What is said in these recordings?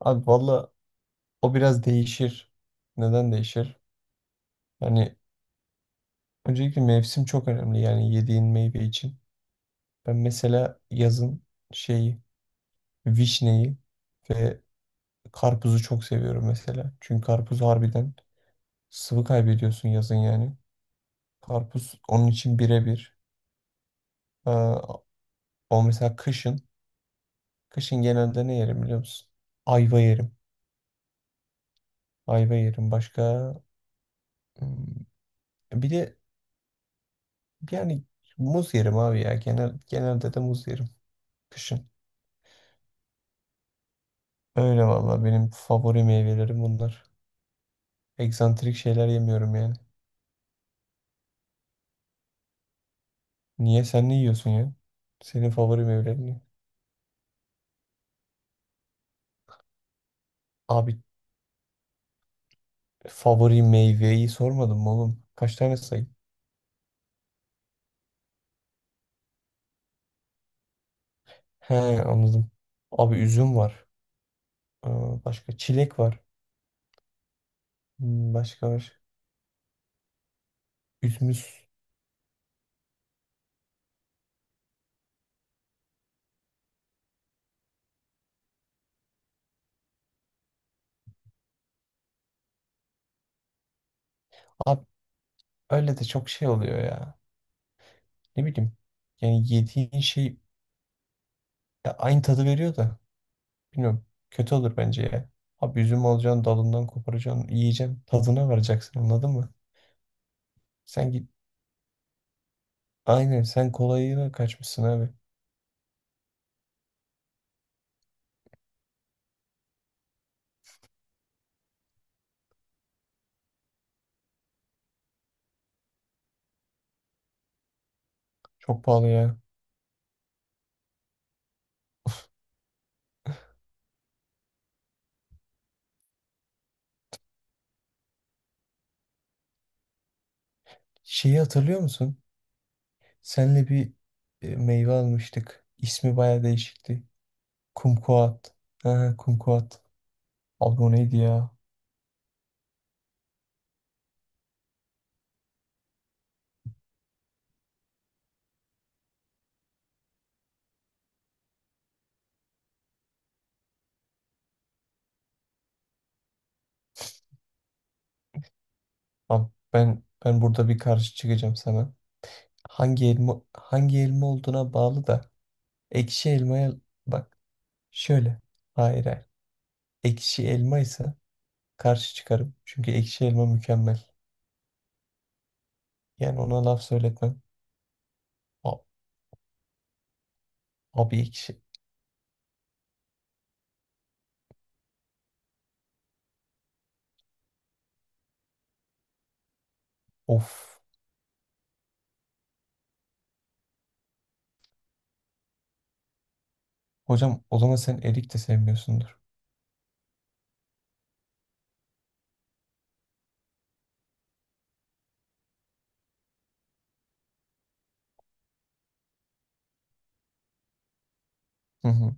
Abi valla o biraz değişir. Neden değişir? Yani öncelikle mevsim çok önemli yani yediğin meyve için. Ben mesela yazın şeyi, vişneyi ve karpuzu çok seviyorum mesela. Çünkü karpuz harbiden sıvı kaybediyorsun yazın yani. Karpuz onun için birebir. Aa, O mesela kışın. Kışın genelde ne yerim biliyor musun? Ayva yerim. Ayva yerim. Başka hmm, bir de yani muz yerim abi ya. Genelde de muz yerim. Kışın. Öyle valla benim favori meyvelerim bunlar. Eksantrik şeyler yemiyorum yani. Niye sen ne yiyorsun ya? Senin favori meyvelerin ne? Abi favori meyveyi sormadım mı oğlum? Kaç tane sayayım? He, anladım. Abi üzüm var. Aa, başka çilek var. Hmm, başka var. Üzümüz. Abi öyle de çok şey oluyor ya. Ne bileyim. Yani yediğin şey ya aynı tadı veriyor da. Bilmiyorum. Kötü olur bence ya. Abi üzüm alacaksın, dalından koparacaksın, yiyeceksin, tadına varacaksın, anladın mı? Sen git. Aynen, sen kolayına kaçmışsın abi. Çok pahalı ya. Şeyi hatırlıyor musun? Senle bir meyve almıştık. İsmi baya değişikti. Kumkuat. Ha, kumkuat. Abi o neydi ya? Abi ben burada bir karşı çıkacağım sana. Hangi elma, hangi elma olduğuna bağlı da ekşi elmaya bak şöyle. Hayır, hayır. Ekşi elma ise karşı çıkarım. Çünkü ekşi elma mükemmel. Yani ona laf söyletmem. A- Abi ekşi. Of. Hocam o zaman sen erik de sevmiyorsundur. Hı hı.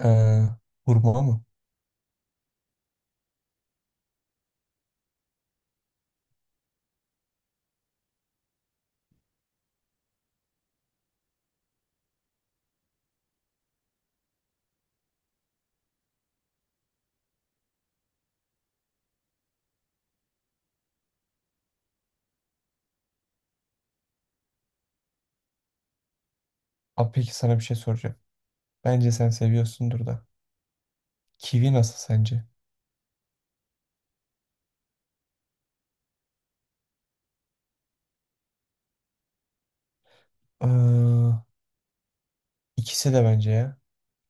Ee, hurma mı? Abi peki sana bir şey soracağım. Bence sen seviyorsundur da. Kivi nasıl sence? Ee, ikisi de bence ya.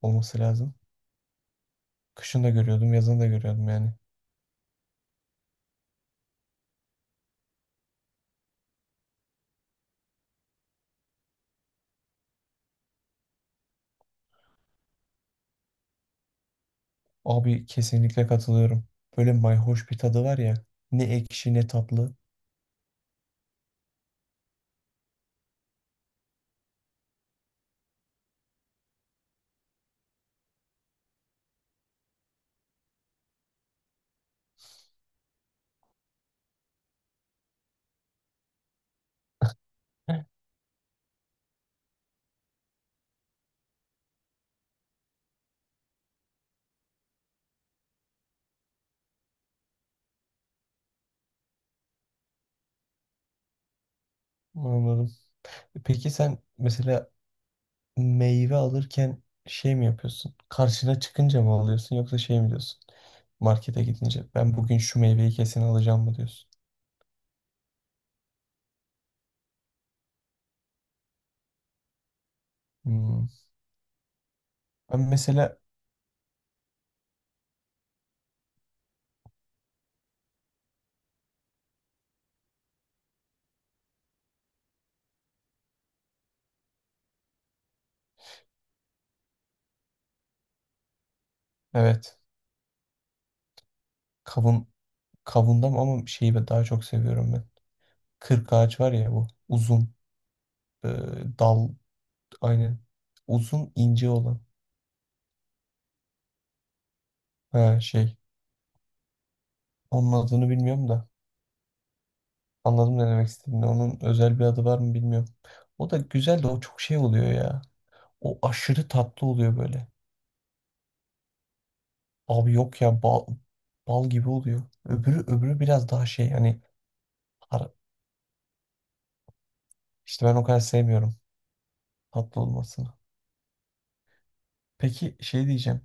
Olması lazım. Kışın da görüyordum, yazın da görüyordum yani. Abi kesinlikle katılıyorum. Böyle mayhoş bir tadı var ya. Ne ekşi ne tatlı. Heh, anladım. Peki sen mesela meyve alırken şey mi yapıyorsun? Karşına çıkınca mı alıyorsun yoksa şey mi diyorsun? Markete gidince ben bugün şu meyveyi kesin alacağım mı diyorsun? Hmm. Ben mesela evet, kavun, kavundam ama şeyi daha çok seviyorum ben. Kırk ağaç var ya, bu uzun e, dal, aynen, uzun ince olan, ha şey, onun adını bilmiyorum da anladım ne demek istediğini, onun özel bir adı var mı bilmiyorum. O da güzel de o çok şey oluyor ya. O aşırı tatlı oluyor böyle. Abi yok ya, bal, bal gibi oluyor. Öbürü biraz daha şey hani har- işte ben o kadar sevmiyorum tatlı olmasını. Peki şey diyeceğim.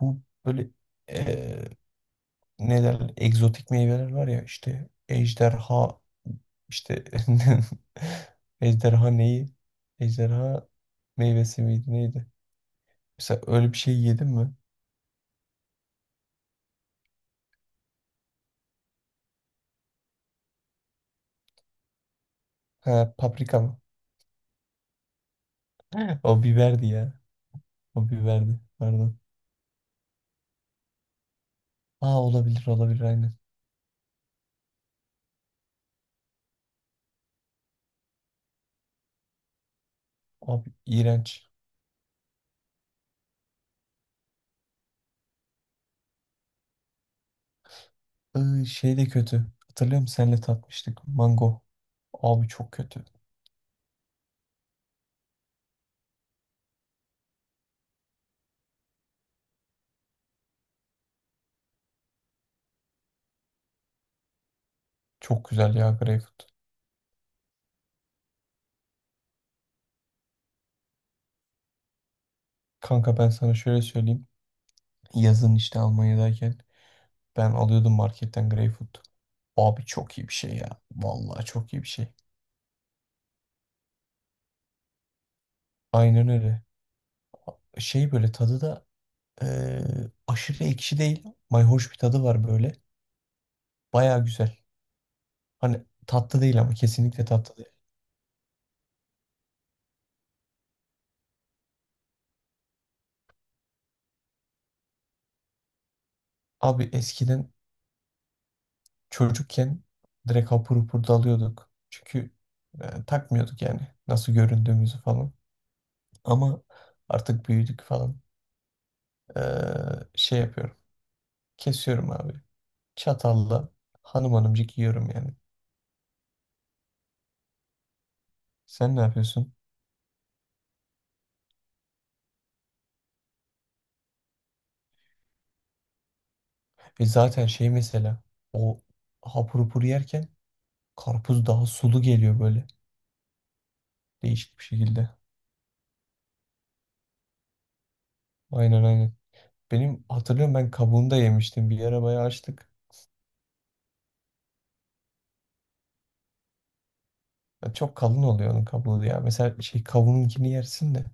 Bu böyle eee ne derler egzotik meyveler var ya, işte ejderha, işte ejderha neyi? Ejderha meyvesi miydi neydi? Mesela öyle bir şey yedin mi? Ha, paprika mı? O biberdi ya. O biberdi. Pardon. Aa, olabilir, olabilir, aynen. Abi iğrenç. Şey de kötü. Hatırlıyor musun? Seninle tatmıştık. Mango. Abi çok kötü. Çok güzel ya greyfurt. Kanka ben sana şöyle söyleyeyim. Yazın işte Almanya'dayken ben alıyordum marketten greyfurt. Abi çok iyi bir şey ya. Vallahi çok iyi bir şey. Aynen öyle. Şey böyle tadı da eee, aşırı ekşi değil. Mayhoş bir tadı var böyle. Baya güzel. Hani tatlı değil, ama kesinlikle tatlı değil. Abi eskiden çocukken direkt hapur hapur dalıyorduk. Çünkü takmıyorduk yani nasıl göründüğümüzü falan. Ama artık büyüdük falan. E, şey yapıyorum. Kesiyorum abi. Çatalla hanım hanımcık yiyorum yani. Sen ne yapıyorsun? E zaten şey mesela o hapur hapur yerken karpuz daha sulu geliyor böyle, değişik bir şekilde. Aynen, aynen. Benim, hatırlıyorum, ben kabuğunu da yemiştim. Bir ara bayağı açtık. Ya çok kalın oluyor onun kabuğu ya. Mesela şey kabuğununkini yersin de